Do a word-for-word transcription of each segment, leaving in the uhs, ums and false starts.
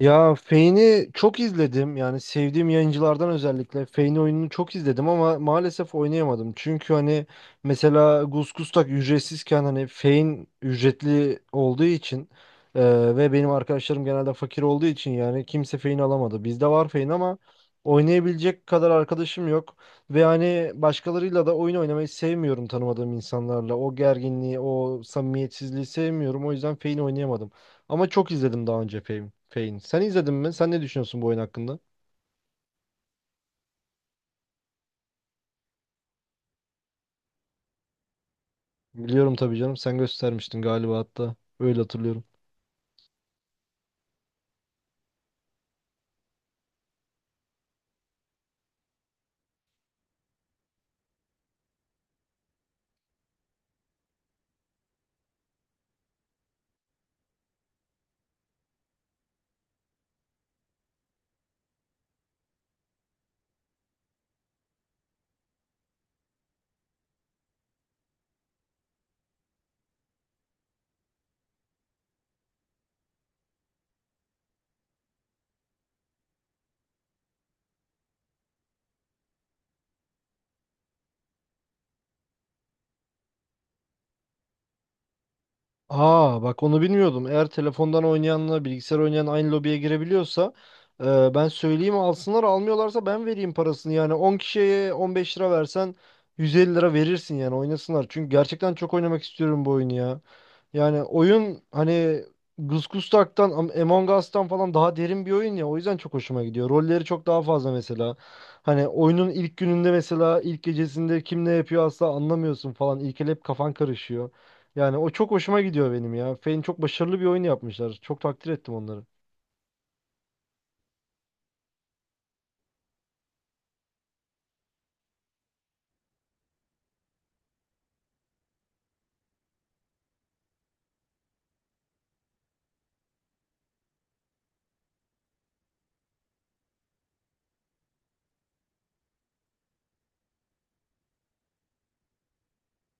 Ya Fane'i çok izledim. Yani sevdiğim yayıncılardan özellikle Fane oyununu çok izledim ama maalesef oynayamadım. Çünkü hani mesela Gusgustak ücretsizken hani Fane ücretli olduğu için e, ve benim arkadaşlarım genelde fakir olduğu için yani kimse Fane alamadı. Bizde var Fane ama oynayabilecek kadar arkadaşım yok. Ve hani başkalarıyla da oyun oynamayı sevmiyorum tanımadığım insanlarla. O gerginliği, o samimiyetsizliği sevmiyorum. O yüzden Fane oynayamadım. Ama çok izledim daha önce Fame, Fane. Sen izledin mi? Sen ne düşünüyorsun bu oyun hakkında? Biliyorum tabii canım. Sen göstermiştin galiba hatta. Öyle hatırlıyorum. Aa bak onu bilmiyordum. Eğer telefondan oynayanla bilgisayar oynayan aynı lobiye girebiliyorsa e, ben söyleyeyim alsınlar, almıyorlarsa ben vereyim parasını. Yani on kişiye on beş lira versen yüz elli lira verirsin yani oynasınlar. Çünkü gerçekten çok oynamak istiyorum bu oyunu ya. Yani oyun hani Gusgustak'tan Am- Among Us'tan falan daha derin bir oyun ya. O yüzden çok hoşuma gidiyor. Rolleri çok daha fazla mesela. Hani oyunun ilk gününde mesela ilk gecesinde kim ne yapıyor asla anlamıyorsun falan. İlk el hep kafan karışıyor. Yani o çok hoşuma gidiyor benim ya. Fein çok başarılı bir oyun yapmışlar. Çok takdir ettim onları.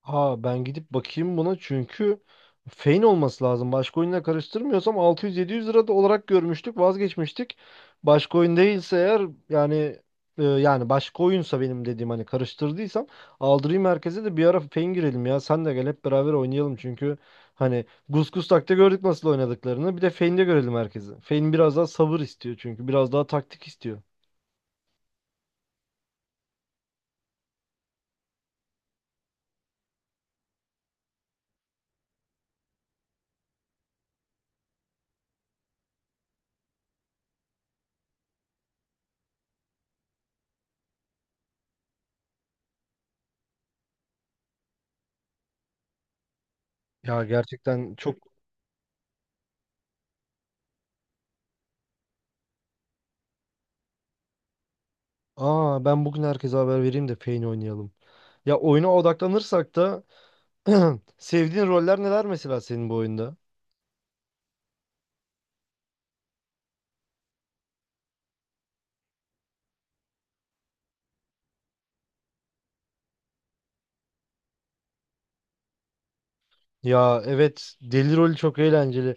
Ha ben gidip bakayım buna çünkü Fein olması lazım. Başka oyunla karıştırmıyorsam altı yüz yedi yüz lira da olarak görmüştük, vazgeçmiştik. Başka oyun değilse eğer, yani e, yani başka oyunsa benim dediğim hani karıştırdıysam aldırayım, merkeze de bir ara Fein girelim ya. Sen de gel hep beraber oynayalım çünkü hani Gus takta gördük nasıl oynadıklarını. Bir de Fein'de görelim herkesi. Fein biraz daha sabır istiyor çünkü biraz daha taktik istiyor. Ya gerçekten çok... Aa ben bugün herkese haber vereyim de Pain oynayalım. Ya oyuna odaklanırsak da sevdiğin roller neler mesela senin bu oyunda? Ya evet, deli rolü çok eğlenceli.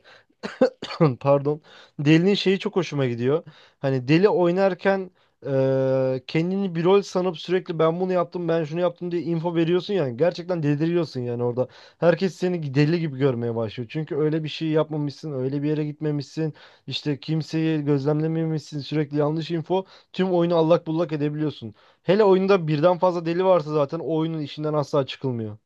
Pardon. Deli'nin şeyi çok hoşuma gidiyor. Hani Deli oynarken e, kendini bir rol sanıp sürekli ben bunu yaptım ben şunu yaptım diye info veriyorsun yani. Gerçekten deliriyorsun yani orada. Herkes seni deli gibi görmeye başlıyor. Çünkü öyle bir şey yapmamışsın, öyle bir yere gitmemişsin. İşte kimseyi gözlemlememişsin. Sürekli yanlış info. Tüm oyunu allak bullak edebiliyorsun. Hele oyunda birden fazla deli varsa zaten o oyunun işinden asla çıkılmıyor.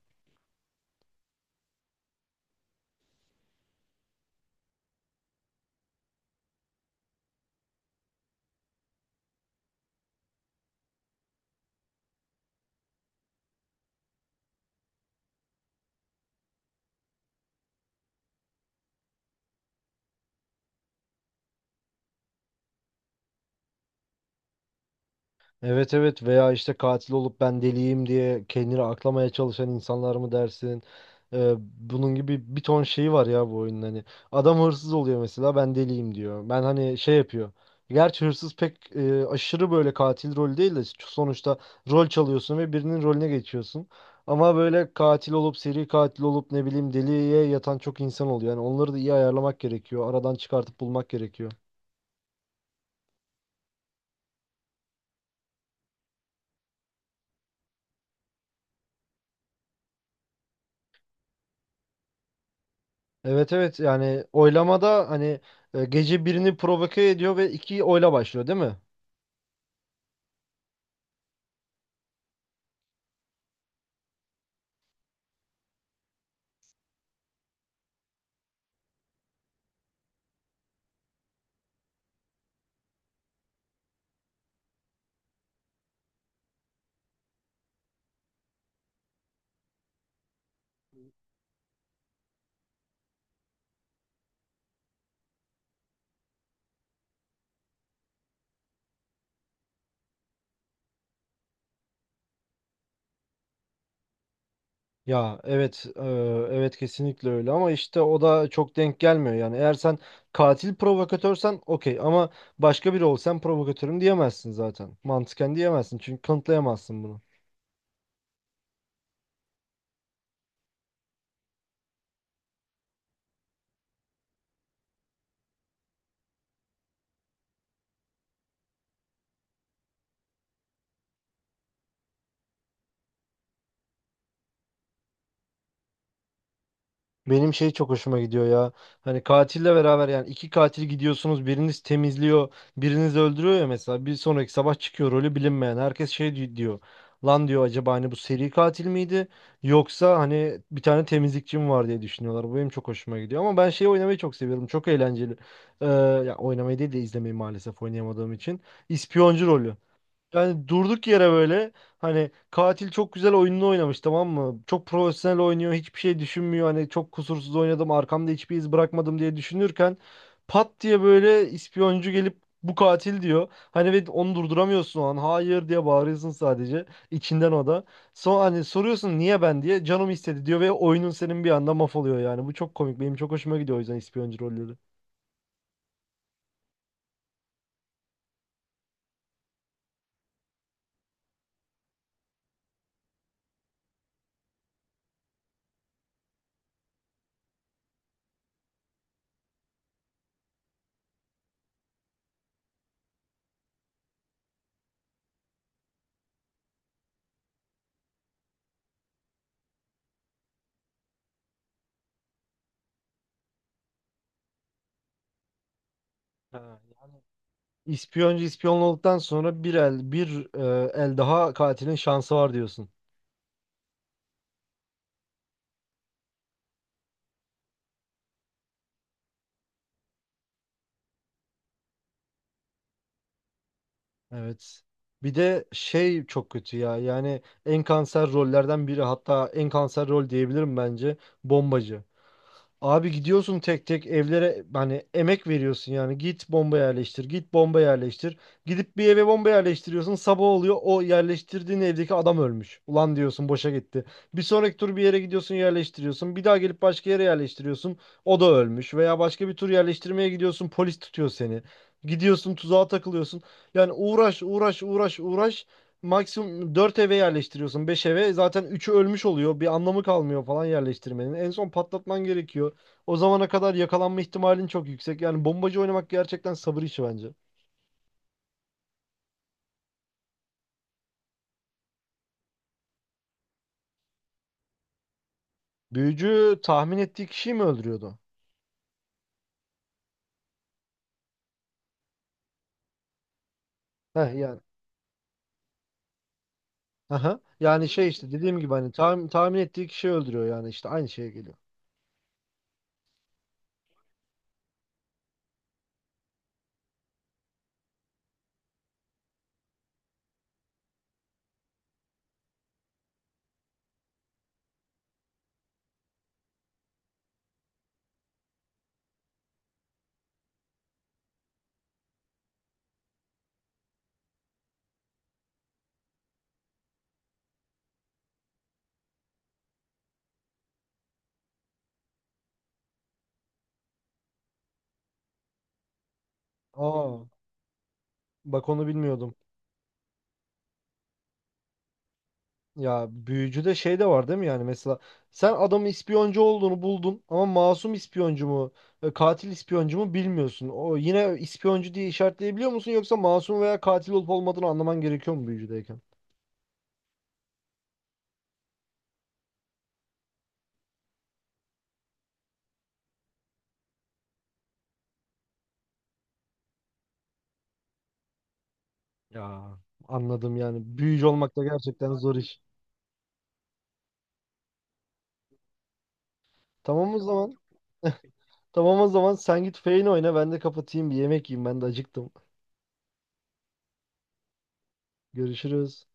Evet evet, veya işte katil olup ben deliyim diye kendini aklamaya çalışan insanlar mı dersin? Ee, bunun gibi bir ton şeyi var ya bu oyunun hani. Adam hırsız oluyor mesela ben deliyim diyor. Ben hani şey yapıyor. Gerçi hırsız pek e, aşırı böyle katil rolü değil de sonuçta rol çalıyorsun ve birinin rolüne geçiyorsun. Ama böyle katil olup seri katil olup ne bileyim deliye yatan çok insan oluyor. Yani onları da iyi ayarlamak gerekiyor. Aradan çıkartıp bulmak gerekiyor. Evet evet, yani oylamada hani e, gece birini provoke ediyor ve iki oyla başlıyor değil mi? Ya evet, e, evet kesinlikle öyle ama işte o da çok denk gelmiyor yani. Eğer sen katil provokatörsen okey ama başka biri olsan provokatörüm diyemezsin zaten, mantıken diyemezsin çünkü kanıtlayamazsın bunu. Benim şey çok hoşuma gidiyor ya. Hani katille beraber yani iki katil gidiyorsunuz. Biriniz temizliyor, biriniz öldürüyor ya mesela. Bir sonraki sabah çıkıyor rolü bilinmeyen. Herkes şey di- diyor. Lan diyor, acaba hani bu seri katil miydi? Yoksa hani bir tane temizlikçi mi var diye düşünüyorlar. Bu benim çok hoşuma gidiyor. Ama ben şeyi oynamayı çok seviyorum. Çok eğlenceli. Ee, ya oynamayı değil de izlemeyi, maalesef oynayamadığım için. İspiyoncu rolü. Yani durduk yere böyle hani katil çok güzel oyununu oynamış tamam mı? Çok profesyonel oynuyor, hiçbir şey düşünmüyor, hani çok kusursuz oynadım arkamda hiçbir iz bırakmadım diye düşünürken pat diye böyle ispiyoncu gelip bu katil diyor. Hani ve onu durduramıyorsun, o an hayır diye bağırıyorsun sadece içinden o da. Son hani soruyorsun niye ben diye, canım istedi diyor ve oyunun senin bir anda mahvoluyor yani. Bu çok komik, benim çok hoşuma gidiyor o yüzden ispiyoncu rolleri. Ha. İspiyoncu ispiyon olduktan sonra bir el, bir e, el daha katilin şansı var diyorsun. Evet. Bir de şey çok kötü ya. Yani en kanser rollerden biri, hatta en kanser rol diyebilirim bence, bombacı. Abi gidiyorsun tek tek evlere, hani emek veriyorsun yani git bomba yerleştir git bomba yerleştir, gidip bir eve bomba yerleştiriyorsun sabah oluyor o yerleştirdiğin evdeki adam ölmüş, ulan diyorsun boşa gitti. Bir sonraki tur bir yere gidiyorsun yerleştiriyorsun, bir daha gelip başka yere yerleştiriyorsun, o da ölmüş, veya başka bir tur yerleştirmeye gidiyorsun polis tutuyor seni, gidiyorsun tuzağa takılıyorsun, yani uğraş uğraş uğraş uğraş. Maksimum dört eve yerleştiriyorsun, beş eve zaten üçü ölmüş oluyor, bir anlamı kalmıyor falan yerleştirmenin, en son patlatman gerekiyor, o zamana kadar yakalanma ihtimalin çok yüksek. Yani bombacı oynamak gerçekten sabır işi bence. Büyücü tahmin ettiği kişiyi mi öldürüyordu? Heh yani. Aha. Yani şey işte dediğim gibi hani tahmin, tahmin ettiği kişiyi öldürüyor yani işte aynı şeye geliyor. Aa bak onu bilmiyordum. Ya büyücüde şey de var değil mi, yani mesela sen adamın ispiyoncu olduğunu buldun ama masum ispiyoncu mu e, katil ispiyoncu mu bilmiyorsun. O yine ispiyoncu diye işaretleyebiliyor musun, yoksa masum veya katil olup olmadığını anlaman gerekiyor mu büyücüdeyken? Ya anladım yani. Büyücü olmak da gerçekten zor iş. Tamam o zaman. Tamam o zaman sen git Feyn oyna, ben de kapatayım bir yemek yiyeyim, ben de acıktım. Görüşürüz.